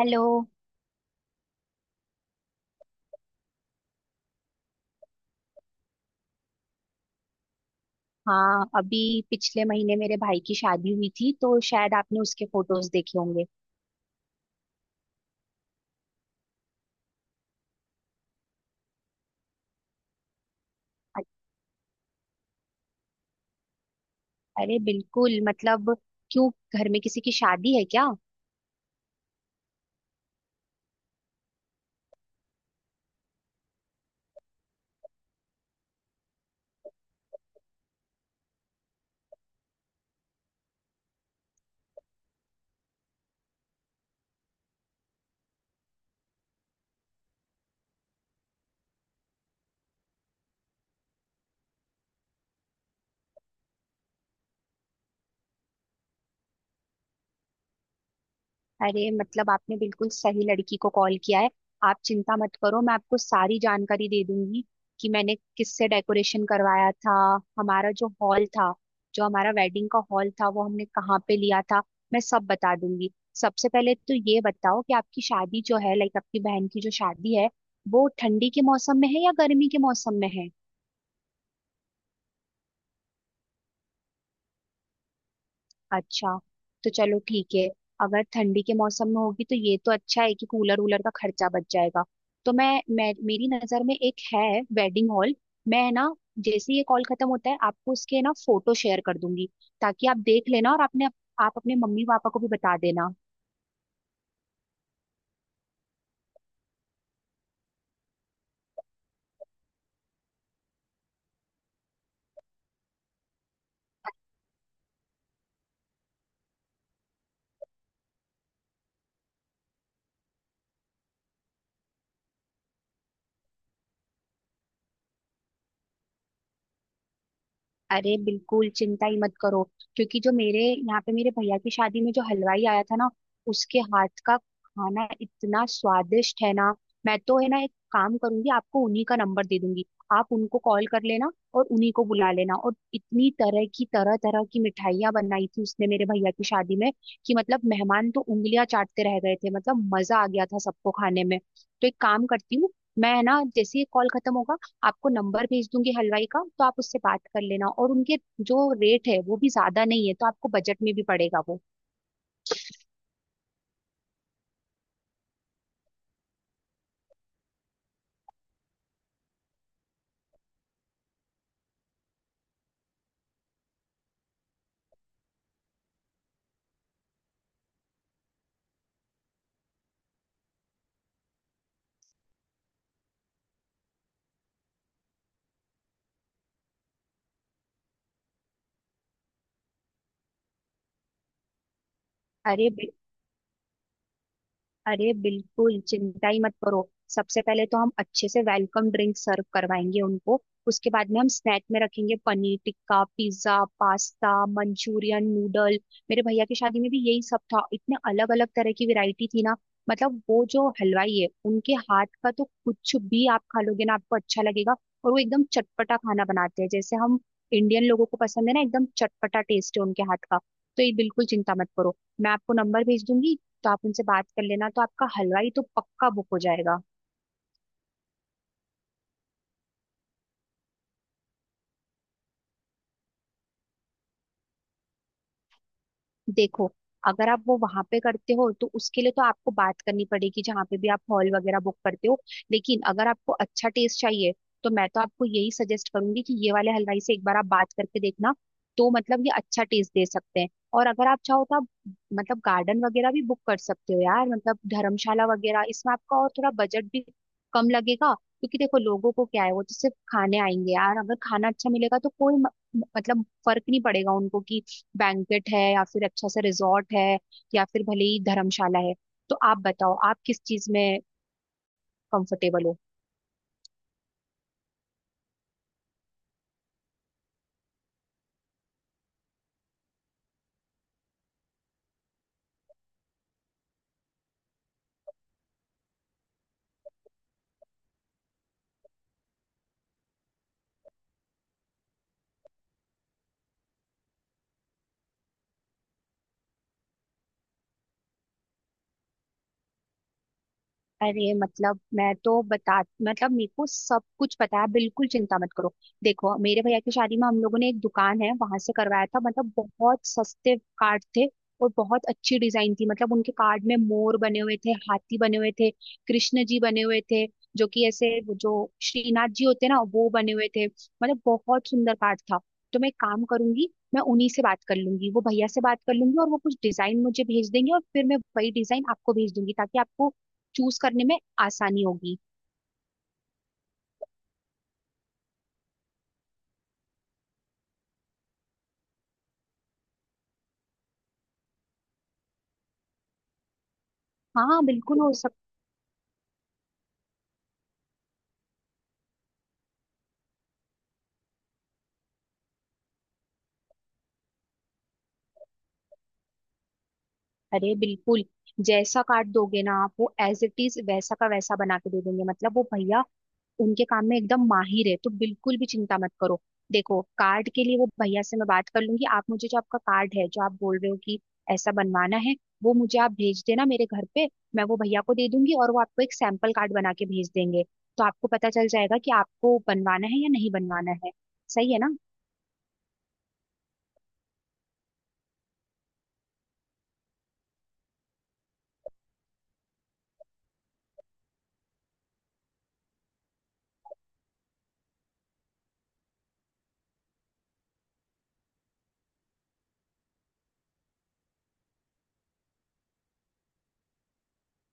Hello. हाँ, अभी पिछले महीने मेरे भाई की शादी हुई थी, तो शायद आपने उसके फोटोज देखे होंगे। अ- अरे बिल्कुल, मतलब क्यों, घर में किसी की शादी है क्या? अरे मतलब आपने बिल्कुल सही लड़की को कॉल किया है। आप चिंता मत करो, मैं आपको सारी जानकारी दे दूंगी कि मैंने किससे डेकोरेशन करवाया था। हमारा जो हॉल था, जो हमारा वेडिंग का हॉल था, वो हमने कहाँ पे लिया था, मैं सब बता दूंगी। सबसे पहले तो ये बताओ कि आपकी शादी जो है, लाइक आपकी बहन की जो शादी है, वो ठंडी के मौसम में है या गर्मी के मौसम में है? अच्छा, तो चलो ठीक है। अगर ठंडी के मौसम में होगी तो ये तो अच्छा है कि कूलर वूलर का खर्चा बच जाएगा। तो मैं मेरी नज़र में एक है वेडिंग हॉल। मैं ना जैसे ही ये कॉल खत्म होता है आपको उसके ना फोटो शेयर कर दूंगी, ताकि आप देख लेना और आपने आप अपने मम्मी पापा को भी बता देना। अरे बिल्कुल चिंता ही मत करो, क्योंकि जो मेरे यहाँ पे मेरे भैया की शादी में जो हलवाई आया था ना, उसके हाथ का खाना इतना स्वादिष्ट है ना, मैं तो है ना एक काम करूंगी, आपको उन्हीं का नंबर दे दूंगी। आप उनको कॉल कर लेना और उन्हीं को बुला लेना। और इतनी तरह तरह की मिठाइयाँ बनाई थी उसने मेरे भैया की शादी में, कि मतलब मेहमान तो उंगलियां चाटते रह गए थे, मतलब मजा आ गया था सबको खाने में। तो एक काम करती हूँ, मैं है ना जैसे ही कॉल खत्म होगा, आपको नंबर भेज दूंगी हलवाई का। तो आप उससे बात कर लेना, और उनके जो रेट है वो भी ज्यादा नहीं है, तो आपको बजट में भी पड़ेगा वो। अरे अरे बिल्कुल चिंता ही मत करो। सबसे पहले तो हम अच्छे से वेलकम ड्रिंक सर्व करवाएंगे उनको। उसके बाद में हम स्नैक में रखेंगे paneer tikka, pizza, pasta, Manchurian, noodle. मेरे भैया की शादी में भी यही सब था, इतने अलग अलग तरह की वैरायटी थी ना। मतलब वो जो हलवाई है उनके हाथ का तो कुछ भी आप खा लोगे ना, आपको अच्छा लगेगा। और वो एकदम चटपटा खाना बनाते हैं, जैसे हम इंडियन लोगों को पसंद है ना, एकदम चटपटा टेस्ट है उनके हाथ का। तो ये बिल्कुल चिंता मत करो, मैं आपको नंबर भेज दूंगी, तो आप उनसे बात कर लेना, तो आपका हलवाई तो पक्का बुक हो जाएगा। देखो, अगर आप वो वहां पे करते हो तो उसके लिए तो आपको बात करनी पड़ेगी जहाँ पे भी आप हॉल वगैरह बुक करते हो। लेकिन अगर आपको अच्छा टेस्ट चाहिए, तो मैं तो आपको यही सजेस्ट करूंगी कि ये वाले हलवाई से एक बार आप बात करके देखना। तो मतलब ये अच्छा टेस्ट दे सकते हैं। और अगर आप चाहो तो आप, मतलब गार्डन वगैरह भी बुक कर सकते हो यार, मतलब धर्मशाला वगैरह, इसमें आपका और थोड़ा बजट भी कम लगेगा। क्योंकि देखो लोगों को क्या है, वो तो सिर्फ खाने आएंगे यार, अगर खाना अच्छा मिलेगा तो कोई मतलब फर्क नहीं पड़ेगा उनको कि बैंकेट है या फिर अच्छा सा रिजॉर्ट है या फिर भले ही धर्मशाला है। तो आप बताओ आप किस चीज में कंफर्टेबल हो। अरे मतलब मैं तो बता मतलब मेरे को सब कुछ पता है, बिल्कुल चिंता मत करो। देखो मेरे भैया की शादी में हम लोगों ने एक दुकान है वहां से करवाया था, मतलब बहुत सस्ते कार्ड थे और बहुत अच्छी डिजाइन थी। मतलब उनके कार्ड में मोर बने हुए थे, हाथी बने हुए थे, कृष्ण जी बने हुए थे, जो कि ऐसे वो जो श्रीनाथ जी होते हैं ना, वो बने हुए थे, मतलब बहुत सुंदर कार्ड था। तो मैं एक काम करूंगी, मैं उन्हीं से बात कर लूंगी, वो भैया से बात कर लूंगी, और वो कुछ डिजाइन मुझे भेज देंगे, और फिर मैं वही डिजाइन आपको भेज दूंगी ताकि आपको चूज करने में आसानी होगी। हाँ बिल्कुल हो सकता। अरे बिल्कुल, जैसा काट दोगे ना आप, वो एज इट इज वैसा का वैसा बना के दे देंगे। मतलब वो भैया उनके काम में एकदम माहिर है, तो बिल्कुल भी चिंता मत करो। देखो कार्ड के लिए वो भैया से मैं बात कर लूंगी। आप मुझे जो आपका कार्ड है, जो आप बोल रहे हो कि ऐसा बनवाना है, वो मुझे आप भेज देना मेरे घर पे। मैं वो भैया को दे दूंगी और वो आपको एक सैंपल कार्ड बना के भेज देंगे। तो आपको पता चल जाएगा कि आपको बनवाना है या नहीं बनवाना है। सही है ना?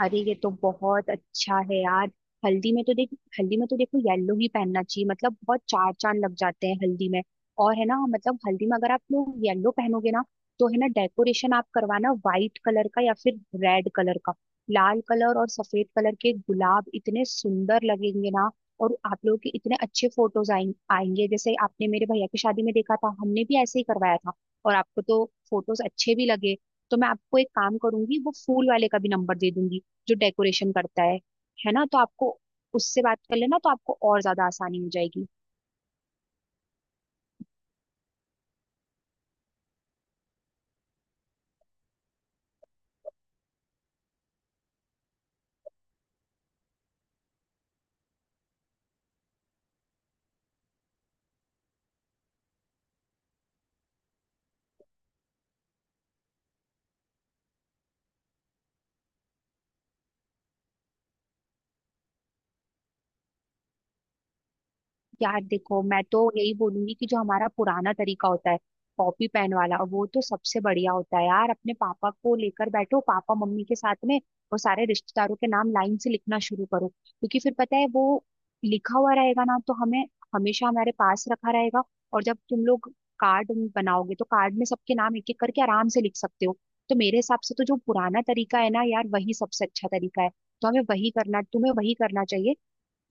अरे ये तो बहुत अच्छा है यार। हल्दी में तो देख हल्दी में तो देखो, येलो ही पहनना चाहिए, मतलब बहुत चार चांद लग जाते हैं हल्दी में। और है ना मतलब हल्दी में अगर आप लोग येलो पहनोगे ना, तो है ना डेकोरेशन आप करवाना व्हाइट कलर का या फिर रेड कलर का। लाल कलर और सफेद कलर के गुलाब इतने सुंदर लगेंगे ना, और आप लोगों के इतने अच्छे आएंगे, जैसे आपने मेरे भैया की शादी में देखा था, हमने भी ऐसे ही करवाया था, और आपको तो फोटोज अच्छे भी लगे। तो मैं आपको एक काम करूंगी, वो फूल वाले का भी नंबर दे दूंगी जो डेकोरेशन करता है ना। तो आपको उससे बात कर लेना, तो आपको और ज्यादा आसानी हो जाएगी। यार देखो मैं तो यही बोलूंगी कि जो हमारा पुराना तरीका होता है, कॉपी पेन वाला, वो तो सबसे बढ़िया होता है यार। अपने पापा को लेकर बैठो, पापा मम्मी के साथ में, और सारे रिश्तेदारों के नाम लाइन से लिखना शुरू करो। क्योंकि फिर पता है वो लिखा हुआ रहेगा ना, तो हमें हमेशा हमारे पास रखा रहेगा। और जब तुम लोग कार्ड बनाओगे, तो कार्ड में सबके नाम एक एक करके आराम से लिख सकते हो। तो मेरे हिसाब से तो जो पुराना तरीका है ना यार, वही सबसे अच्छा तरीका है। तो हमें वही करना तुम्हें वही करना चाहिए,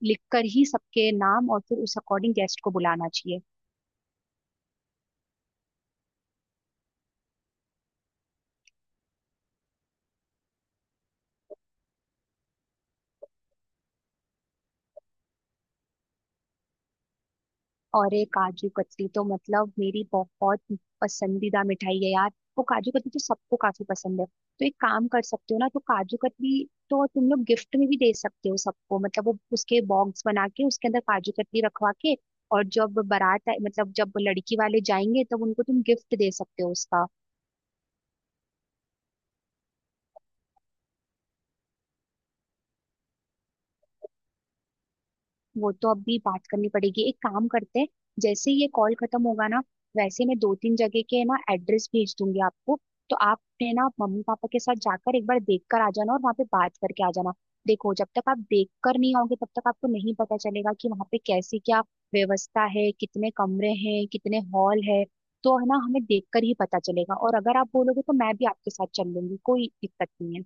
लिखकर ही सबके नाम, और फिर उस अकॉर्डिंग गेस्ट को बुलाना चाहिए। और एक, काजू कतली तो मतलब मेरी बहुत पसंदीदा मिठाई है यार, वो काजू कतली तो सबको काफी पसंद है। तो एक काम कर सकते हो ना, तो काजू कतली तो तुम लोग गिफ्ट में भी दे सकते हो सबको, मतलब वो उसके बॉक्स बना के उसके अंदर काजू कतली रखवा के। और जब मतलब जब लड़की वाले जाएंगे तब उनको तुम गिफ्ट दे सकते हो उसका। वो तो अभी बात करनी पड़ेगी, एक काम करते हैं, जैसे ही ये कॉल खत्म होगा ना, वैसे मैं दो तीन जगह के ना एड्रेस भेज दूंगी आपको। तो आप है ना मम्मी पापा के साथ जाकर एक बार देख कर आ जाना और वहाँ पे बात करके आ जाना। देखो जब तक आप देख कर नहीं आओगे, तब तक आपको नहीं पता चलेगा कि वहाँ पे कैसी क्या व्यवस्था है, कितने कमरे हैं, कितने हॉल है। तो है ना हमें देख कर ही पता चलेगा। और अगर आप बोलोगे तो मैं भी आपके साथ चल लूंगी, कोई दिक्कत नहीं है।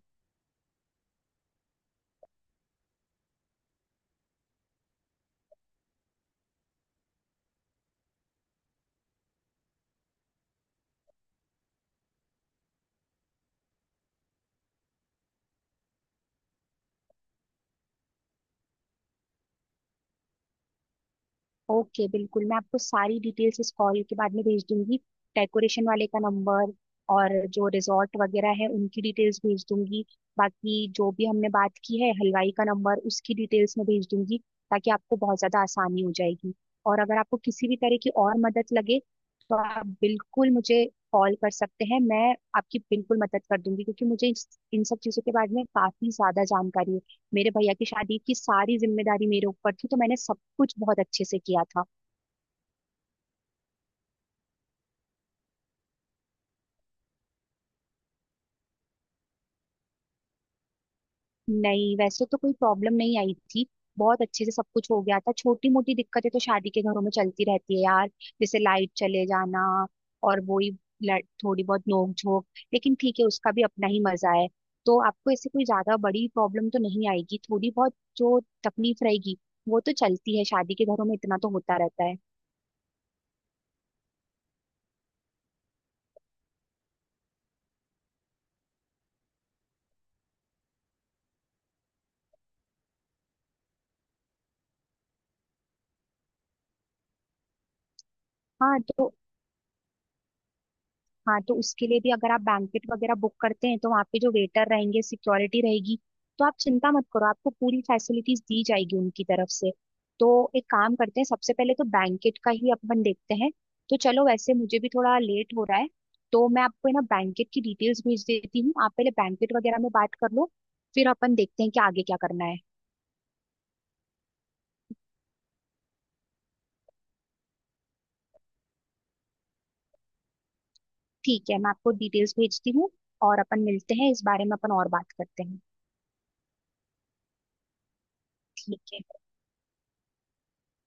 ओके, बिल्कुल मैं आपको सारी डिटेल्स इस कॉल के बाद में भेज दूंगी। डेकोरेशन वाले का नंबर, और जो रिजॉर्ट वगैरह है उनकी डिटेल्स भेज दूंगी। बाकी जो भी हमने बात की है, हलवाई का नंबर, उसकी डिटेल्स मैं भेज दूंगी, ताकि आपको बहुत ज़्यादा आसानी हो जाएगी। और अगर आपको किसी भी तरह की और मदद लगे, तो आप बिल्कुल मुझे कॉल कर सकते हैं। मैं आपकी बिल्कुल मदद कर दूंगी, क्योंकि मुझे इन सब चीज़ों के बारे में काफ़ी ज़्यादा जानकारी है। मेरे भैया की शादी की सारी जिम्मेदारी मेरे ऊपर थी, तो मैंने सब कुछ बहुत अच्छे से किया था। नहीं, वैसे तो कोई प्रॉब्लम नहीं आई थी, बहुत अच्छे से सब कुछ हो गया था। छोटी मोटी दिक्कतें तो शादी के घरों में चलती रहती है यार, जैसे लाइट चले जाना, और वही थोड़ी बहुत नोक झोंक। लेकिन ठीक है, उसका भी अपना ही मजा है। तो आपको ऐसे कोई ज्यादा बड़ी प्रॉब्लम तो नहीं आएगी, थोड़ी बहुत जो तकलीफ रहेगी वो तो चलती है शादी के घरों में, इतना तो होता रहता है। हाँ तो हाँ तो उसके लिए भी अगर आप बैंकेट वगैरह बुक करते हैं, तो वहाँ पे जो वेटर रहेंगे, सिक्योरिटी रहेगी, तो आप चिंता मत करो, आपको पूरी फैसिलिटीज दी जाएगी उनकी तरफ से। तो एक काम करते हैं, सबसे पहले तो बैंकेट का ही अपन देखते हैं। तो चलो, वैसे मुझे भी थोड़ा लेट हो रहा है। तो मैं आपको है ना बैंकेट की डिटेल्स भेज देती हूँ, आप पहले बैंकेट वगैरह में बात कर लो, फिर अपन देखते हैं कि आगे क्या करना है। ठीक है, मैं आपको डिटेल्स भेजती हूँ, और अपन मिलते हैं, इस बारे में अपन और बात करते हैं। ठीक है।